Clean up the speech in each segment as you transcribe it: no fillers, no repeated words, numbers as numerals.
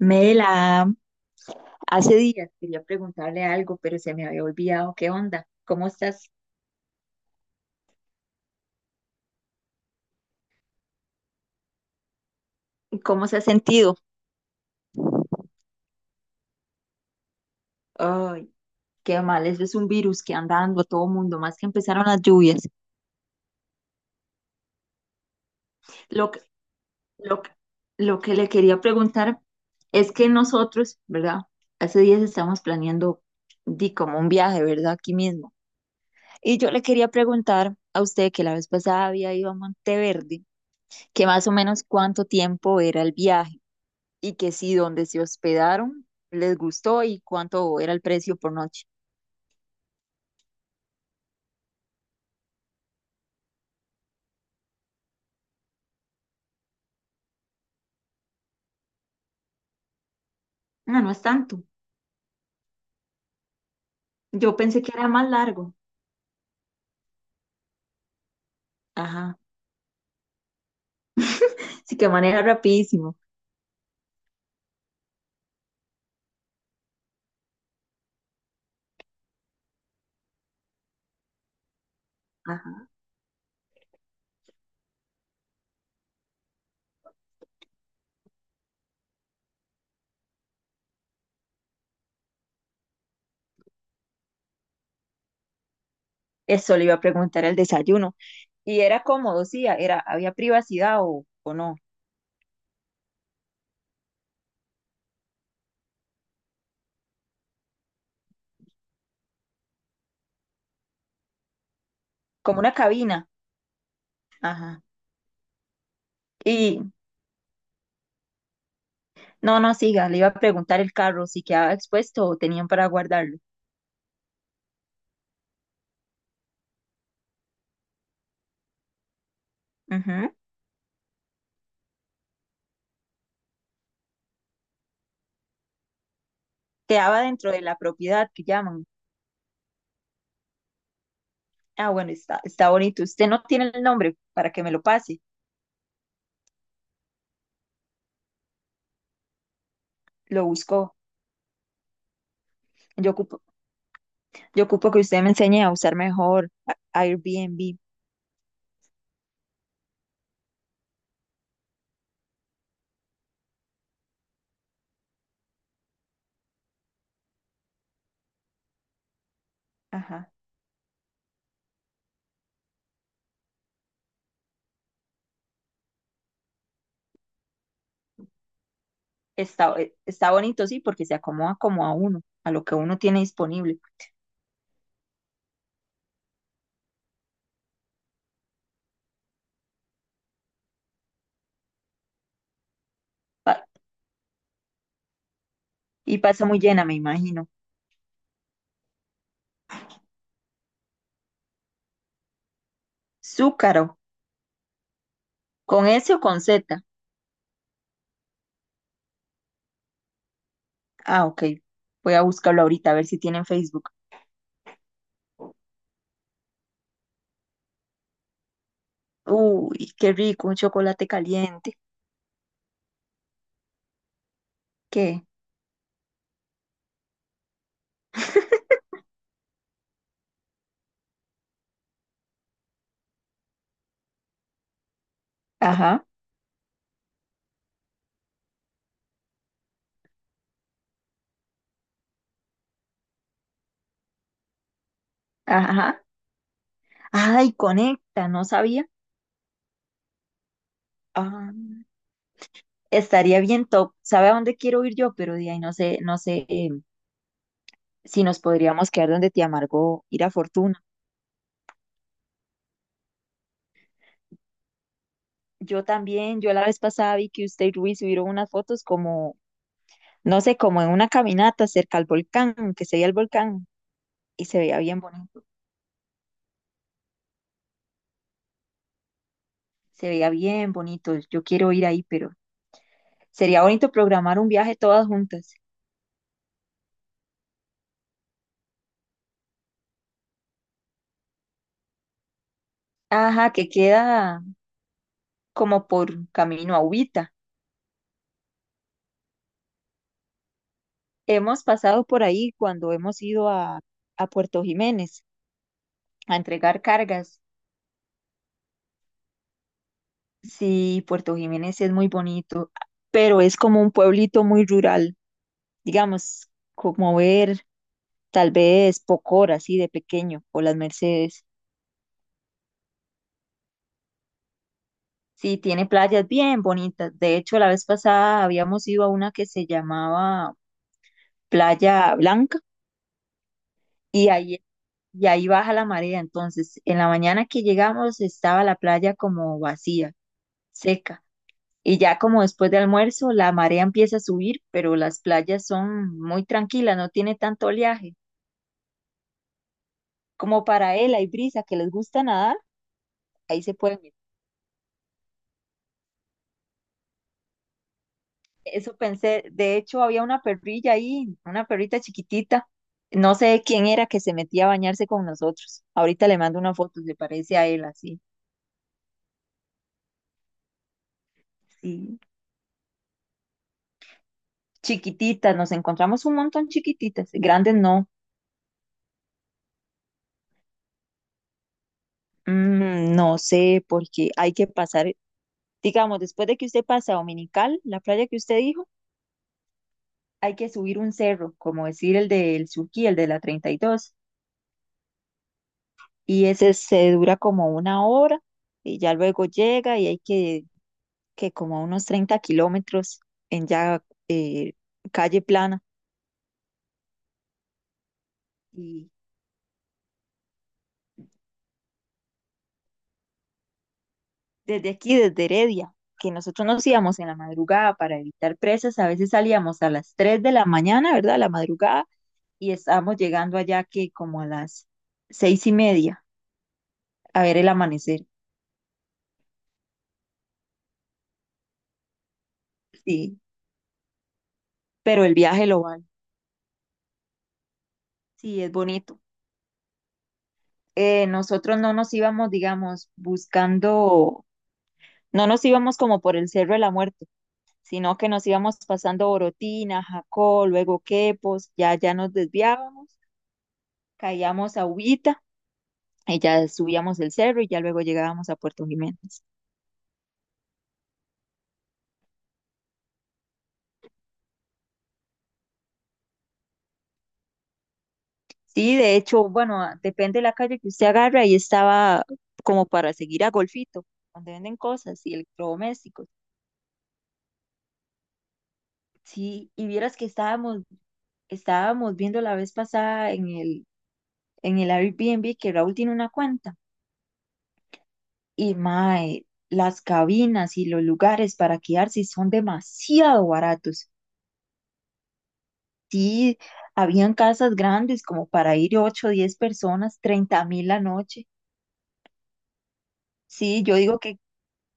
Mela, hace días quería preguntarle algo, pero se me había olvidado. ¿Qué onda? ¿Cómo estás? ¿Cómo se ha sentido? Ay, qué mal, eso es un virus que anda dando a todo mundo, más que empezaron las lluvias. Lo que, lo que, lo que le quería preguntar es que nosotros, ¿verdad? Hace días estamos planeando di como un viaje, ¿verdad? Aquí mismo. Y yo le quería preguntar a usted que la vez pasada había ido a Monteverde, que más o menos cuánto tiempo era el viaje y que sí, donde se hospedaron, les gustó y cuánto era el precio por noche. No, no es tanto. Yo pensé que era más largo. Ajá, sí que maneja rapidísimo. Ajá. Eso le iba a preguntar el desayuno. Y era cómodo, sí, era, había privacidad o no, como una cabina. Ajá. Y no, no, siga, le iba a preguntar el carro si quedaba expuesto o tenían para guardarlo. Ujú. Quedaba dentro de la propiedad que llaman. Ah, bueno, está bonito. Usted no tiene el nombre para que me lo pase. Lo buscó. Yo ocupo, yo ocupo que usted me enseñe a usar mejor Airbnb. Ajá. Está, está bonito, sí, porque se acomoda como a uno, a lo que uno tiene disponible. Pa- y pasa muy llena, me imagino. Zúcaro, ¿con S o con Z? Ah, ok. Voy a buscarlo ahorita, a ver si tiene en Facebook. Uy, qué rico, un chocolate caliente. ¿Qué? Ajá, ajá. Ay, conecta, no sabía. Ah, estaría bien top. ¿Sabe a dónde quiero ir yo? Pero de ahí no sé, no sé. Si nos podríamos quedar donde te amargó ir a Fortuna. Yo también, yo la vez pasada vi que usted y Ruiz subieron unas fotos como, no sé, como en una caminata cerca al volcán, que se veía el volcán y se veía bien bonito. Se veía bien bonito. Yo quiero ir ahí, pero sería bonito programar un viaje todas juntas. Ajá, que queda como por camino a Ubita. Hemos pasado por ahí cuando hemos ido a Puerto Jiménez a entregar cargas. Sí, Puerto Jiménez es muy bonito, pero es como un pueblito muy rural, digamos, como ver tal vez Pocora, así de pequeño, o Las Mercedes. Sí, tiene playas bien bonitas. De hecho, la vez pasada habíamos ido a una que se llamaba Playa Blanca y ahí, y ahí baja la marea. Entonces, en la mañana que llegamos estaba la playa como vacía, seca. Y ya como después de almuerzo, la marea empieza a subir, pero las playas son muy tranquilas, no tiene tanto oleaje. Como para él hay brisa que les gusta nadar, ahí se pueden meter. Eso pensé, de hecho había una perrilla ahí, una perrita chiquitita, no sé quién era que se metía a bañarse con nosotros. Ahorita le mando una foto, se parece a él así, sí. Chiquititas, nos encontramos un montón chiquititas, grandes no. Mm, no sé, porque hay que pasar. Digamos, después de que usted pasa a Dominical, la playa que usted dijo, hay que subir un cerro, como decir el del Surquí, el de la 32, y ese se dura como una hora y ya luego llega y hay que como unos 30 kilómetros en ya eh, calle plana. Y desde aquí, desde Heredia, que nosotros nos íbamos en la madrugada para evitar presas, a veces salíamos a las 3 de la mañana, ¿verdad? La madrugada, y estábamos llegando allá que como a las 6:30 a ver el amanecer. Sí, pero el viaje lo vale. Sí, es bonito. Nosotros no nos íbamos, digamos, buscando, no nos íbamos como por el Cerro de la Muerte, sino que nos íbamos pasando Orotina, Jacó, luego Quepos, ya, ya nos desviábamos, caíamos a Ubita y ya subíamos el cerro y ya luego llegábamos a Puerto Jiménez. Sí, de hecho, bueno, depende de la calle que usted agarre, ahí estaba como para seguir a Golfito, donde venden cosas y electrodomésticos. Sí, y vieras que estábamos. Estábamos viendo la vez pasada en el Airbnb que Raúl tiene una cuenta. Y mae, las cabinas y los lugares para quedarse son demasiado baratos. Sí, habían casas grandes como para ir 8 o 10 personas, 30.000 la noche. Sí, yo digo que,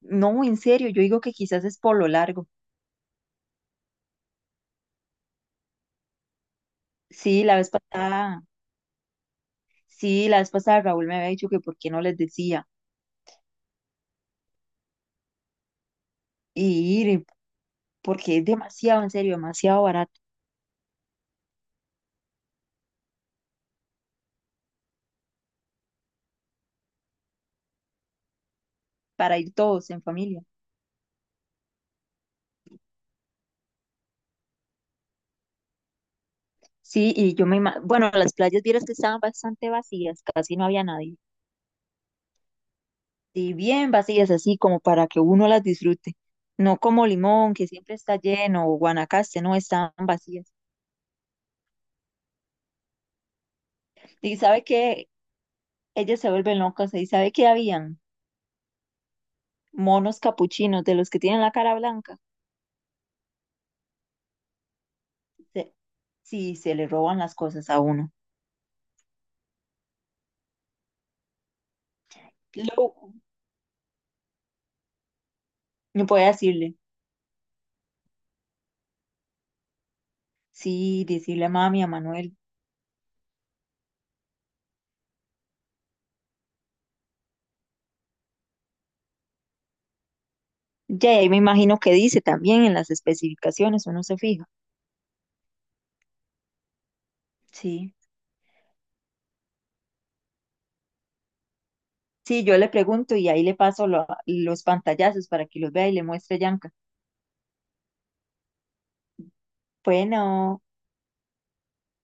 no, en serio, yo digo que quizás es por lo largo. Sí, la vez pasada, sí, la vez pasada Raúl me había dicho que por qué no les decía y ir, porque es demasiado, en serio, demasiado barato para ir todos en familia. Sí, y yo me imagino, bueno, las playas vieras que estaban bastante vacías, casi no había nadie. Sí, bien vacías, así como para que uno las disfrute. No como Limón, que siempre está lleno, o Guanacaste, no, estaban vacías. Y sabe que ellas se vuelven locas, y sabe que habían monos capuchinos de los que tienen la cara blanca. Se- Sí, se le roban las cosas a uno. Lo- No puede decirle, sí, decirle a mami, a Manuel. Ya, y ahí me imagino que dice también en las especificaciones, uno se fija. Sí. Sí, yo le pregunto y ahí le paso los pantallazos para que los vea y le muestre a Yanka. Bueno.